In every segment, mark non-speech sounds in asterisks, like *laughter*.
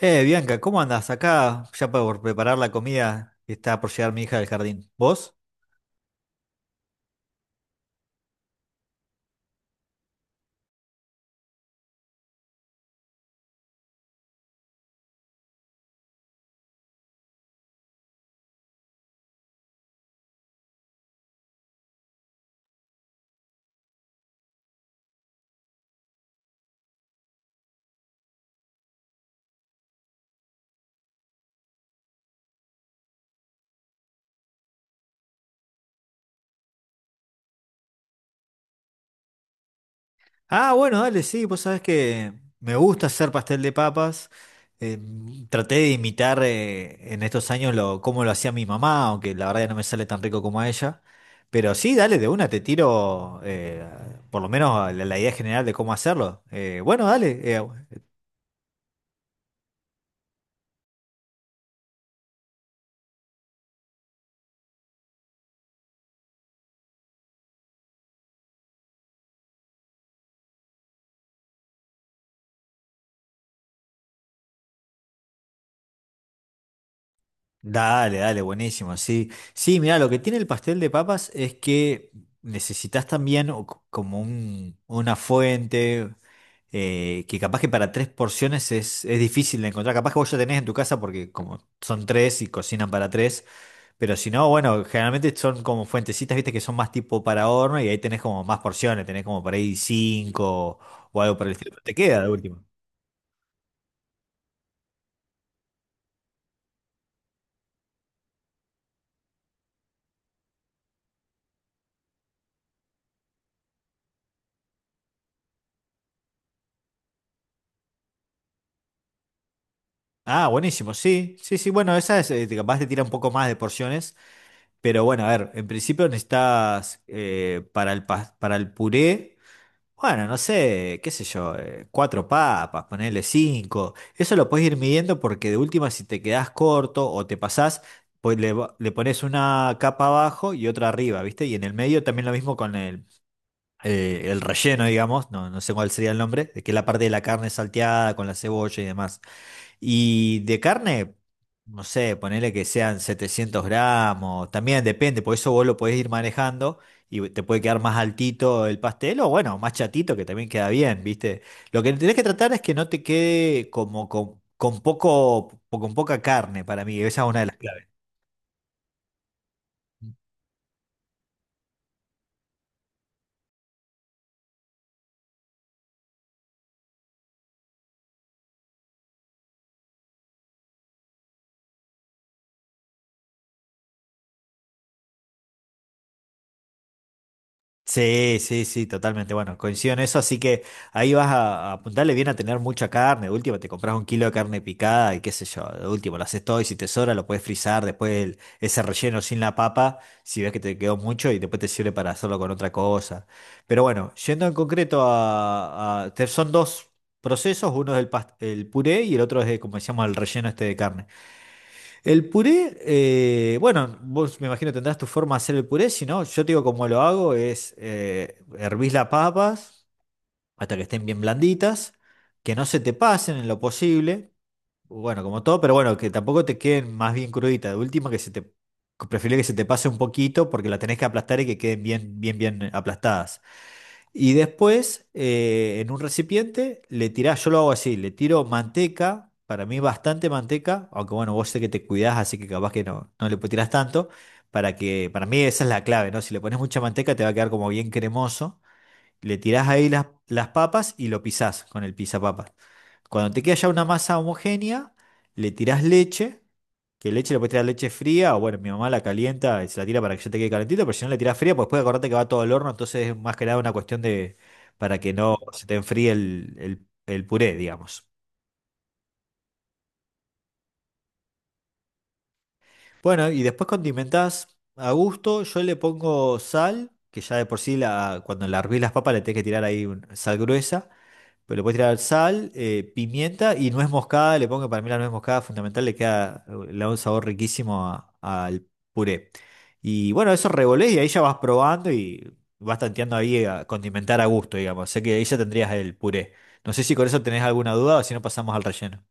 Bianca, ¿cómo andás? Acá ya por preparar la comida que está por llegar mi hija del jardín. ¿Vos? Ah, bueno, dale, sí, vos sabés que me gusta hacer pastel de papas. Eh, Traté de imitar en estos años cómo lo hacía mi mamá, aunque la verdad ya no me sale tan rico como a ella. Pero sí, dale, de una te tiro por lo menos la idea general de cómo hacerlo. Dale, dale, buenísimo, sí. Sí, mira, lo que tiene el pastel de papas es que necesitas también como una fuente, que capaz que para tres porciones es difícil de encontrar. Capaz que vos ya tenés en tu casa porque como son tres y cocinan para tres, pero si no, bueno, generalmente son como fuentecitas, viste, que son más tipo para horno y ahí tenés como más porciones, tenés como por ahí cinco o algo por el estilo. Te queda de último. Ah, buenísimo, sí, sí, sí, bueno, esa es, capaz te tira un poco más de porciones. Pero bueno, a ver, en principio necesitas para para el puré, bueno, no sé, qué sé yo, cuatro papas, ponerle cinco. Eso lo puedes ir midiendo porque de última si te quedás corto o te pasás, pues le pones una capa abajo y otra arriba, ¿viste? Y en el medio también lo mismo con el relleno, digamos, no sé cuál sería el nombre, de que es la parte de la carne salteada con la cebolla y demás. Y de carne, no sé, ponele que sean 700 gramos, también depende, por eso vos lo podés ir manejando y te puede quedar más altito el pastel o bueno, más chatito que también queda bien, ¿viste? Lo que tenés que tratar es que no te quede como con poco, con poca carne para mí, esa es una de las claves. Sí, sí, sí, totalmente. Bueno, coincido en eso, así que ahí vas a apuntarle bien a tener mucha carne. De última, te compras un kilo de carne picada y qué sé yo. De última, lo haces todo y si te sobra lo puedes frizar después ese relleno sin la papa, si ves que te quedó mucho y después te sirve para hacerlo con otra cosa. Pero bueno, yendo en concreto a son dos procesos, uno es el puré y el otro es como decíamos, el relleno este de carne. El puré, bueno, vos me imagino tendrás tu forma de hacer el puré, si no, yo te digo cómo lo hago, es hervís las papas hasta que estén bien blanditas, que no se te pasen en lo posible, bueno, como todo, pero bueno, que tampoco te queden más bien cruditas, de última que se prefiero que se te pase un poquito porque la tenés que aplastar y que queden bien, bien, bien aplastadas. Y después, en un recipiente, le tirás, yo lo hago así, le tiro manteca, para mí bastante manteca, aunque bueno, vos sé que te cuidás, así que capaz que no, no le tirás tanto, para mí esa es la clave, ¿no? Si le pones mucha manteca te va a quedar como bien cremoso, le tirás ahí las papas y lo pisás con el pisapapas. Cuando te queda ya una masa homogénea, le tirás leche, que leche le puedes tirar leche fría, o bueno, mi mamá la calienta y se la tira para que ya te quede calentito, pero si no le tirás fría, pues después acordate que va todo al horno, entonces es más que nada una cuestión de para que no se te enfríe el puré, digamos. Bueno, y después condimentás a gusto, yo le pongo sal, que ya de por sí la, cuando la hervís las papas le tenés que tirar ahí sal gruesa. Pero le puedes tirar sal, pimienta y nuez moscada. Le pongo para mí la nuez moscada fundamental, le queda, le da un sabor riquísimo al puré. Y bueno, eso revolés y ahí ya vas probando y vas tanteando ahí a condimentar a gusto, digamos. Sé que ahí ya tendrías el puré. No sé si con eso tenés alguna duda o si no pasamos al relleno.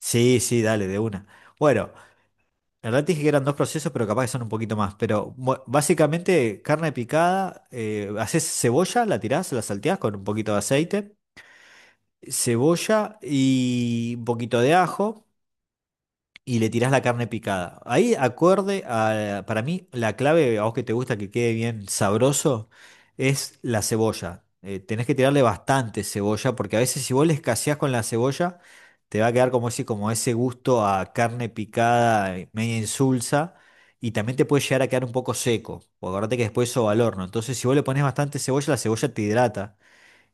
Sí, sí, dale, de una. Bueno, en realidad te dije que eran dos procesos, pero capaz que son un poquito más. Básicamente, carne picada, haces cebolla, la tirás, la salteás con un poquito de aceite. Cebolla y un poquito de ajo y le tirás la carne picada. Ahí acorde a, para mí, la clave, a vos que te gusta que quede bien sabroso, es la cebolla. Tenés que tirarle bastante cebolla porque a veces si vos le escaseás con la cebolla, te va a quedar como ese gusto a carne picada, media insulsa. Y también te puede llegar a quedar un poco seco, porque acordate que después eso va al horno. Entonces, si vos le pones bastante cebolla, la cebolla te hidrata.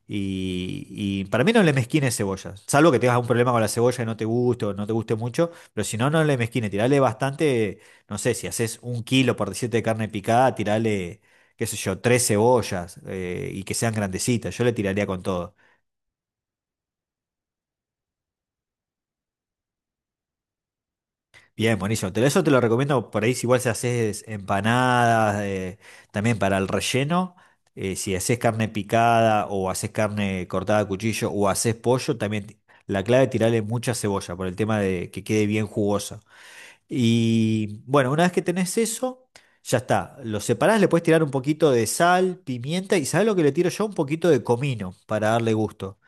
Y para mí no le mezquines cebollas, salvo que tengas un problema con la cebolla y no te guste o no te guste mucho, pero si no, no le mezquines, tirale bastante, no sé, si haces un kilo por 17 de carne picada, tirale, qué sé yo, tres cebollas y que sean grandecitas, yo le tiraría con todo. Bien, buenísimo. Eso te lo recomiendo por ahí si igual si haces empanadas, también para el relleno. Si haces carne picada o haces carne cortada a cuchillo o haces pollo, también la clave es tirarle mucha cebolla por el tema de que quede bien jugosa. Y bueno, una vez que tenés eso, ya está. Lo separás, le puedes tirar un poquito de sal, pimienta y ¿sabés lo que le tiro yo? Un poquito de comino para darle gusto.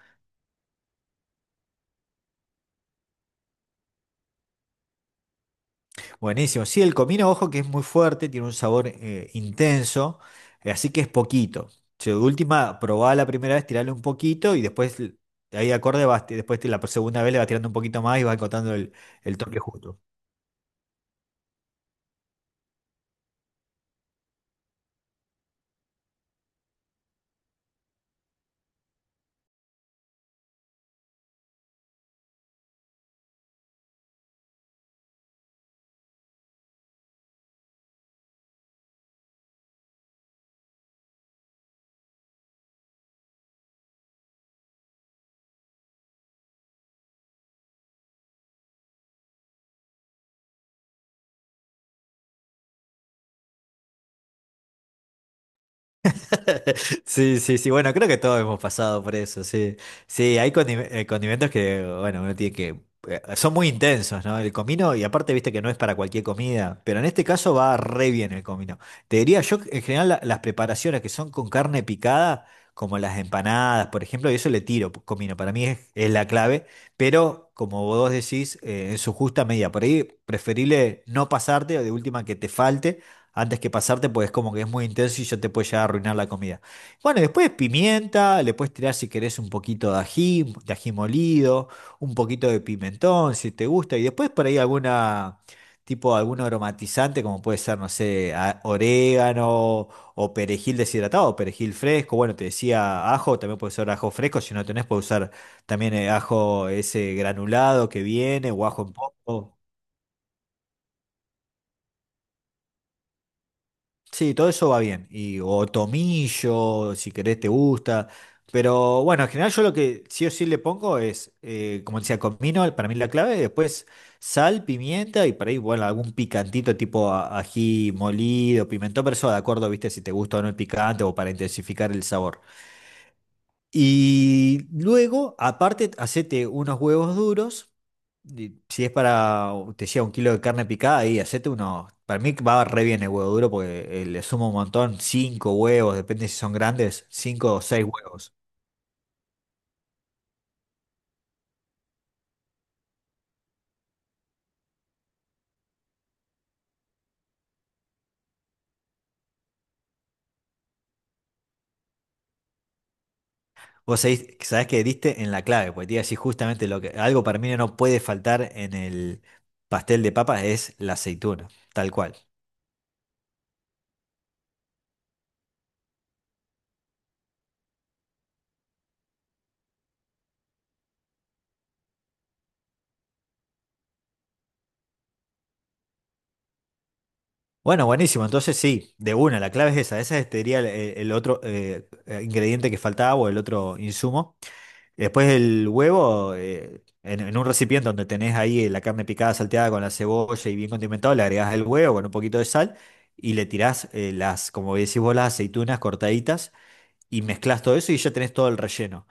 Buenísimo. Sí, el comino, ojo, que es muy fuerte, tiene un sabor intenso, así que es poquito. Si de última, probá la primera vez, tirarle un poquito y después, ahí acorde, vas, después la segunda vez le vas tirando un poquito más y vas encontrando el toque justo. *laughs* Sí, sí, sí. Bueno, creo que todos hemos pasado por eso, sí. Sí, hay condimentos que, bueno, uno tiene que... Son muy intensos, ¿no? El comino, y aparte, viste que no es para cualquier comida, pero en este caso va re bien el comino. Te diría yo, que, en general, las preparaciones que son con carne picada, como las empanadas, por ejemplo, y eso le tiro comino, para mí es la clave, pero como vos decís, en su justa medida. Por ahí, preferible no pasarte, o de última que te falte antes que pasarte, pues es como que es muy intenso y ya te puede llegar a arruinar la comida. Bueno, y después pimienta, le puedes tirar si querés un poquito de ají molido, un poquito de pimentón, si te gusta, y después por ahí alguna, tipo algún aromatizante, como puede ser, no sé, orégano o perejil deshidratado, o perejil fresco, bueno, te decía ajo, también puede ser ajo fresco, si no tenés, puedes usar también ajo ese granulado que viene o ajo en polvo. Sí, todo eso va bien. Y, o tomillo, si querés, te gusta. Pero bueno, en general yo lo que sí o sí le pongo es, como decía, comino, para mí la clave, después sal, pimienta y por ahí, bueno, algún picantito tipo ají molido, pimentón, pero eso de acuerdo, viste, si te gusta o no el picante o para intensificar el sabor. Y luego, aparte, hacete unos huevos duros. Y si es para, te decía, un kilo de carne picada, ahí hacete unos. Para mí va re bien el huevo duro porque le sumo un montón. 5 huevos, depende si son grandes, 5 o 6 huevos. Vos sabés, sabés que diste en la clave, porque te iba a decir justamente lo que. Algo para mí no puede faltar en el pastel de papas es la aceituna, tal cual. Bueno, buenísimo. Entonces sí, de una, la clave es esa. Ese es el otro ingrediente que faltaba o el otro insumo. Después el huevo, en un recipiente donde tenés ahí la carne picada, salteada con la cebolla y bien condimentado, le agregás el huevo con un poquito de sal y le tirás las, como decís vos, las aceitunas cortaditas y mezclás todo eso y ya tenés todo el relleno.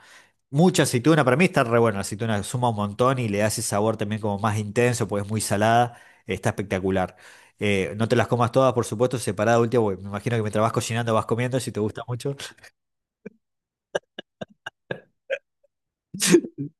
Mucha aceituna, para mí está re bueno, la aceituna suma un montón y le da ese sabor también como más intenso, porque es muy salada, está espectacular. No te las comas todas, por supuesto, separada última, porque me imagino que mientras vas cocinando vas comiendo, si te gusta mucho. *laughs*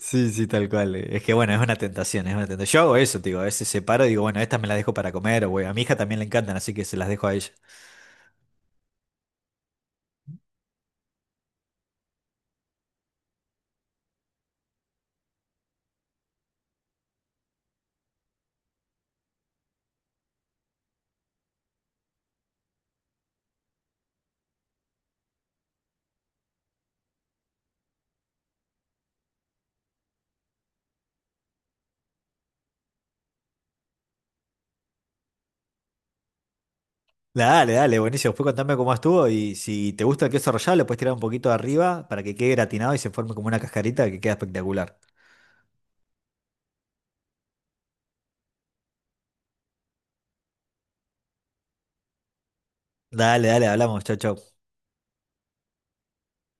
Sí, sí, tal cual. Es que bueno, es una tentación, es una tentación. Yo hago eso, te digo, a veces separo y digo, bueno, estas me las dejo para comer, o bueno, a mi hija también le encantan, así que se las dejo a ella. Dale, dale, buenísimo. Después contame cómo estuvo y si te gusta el queso rallado, le puedes tirar un poquito de arriba para que quede gratinado y se forme como una cascarita que queda espectacular. Dale, dale, hablamos. Chau, chau.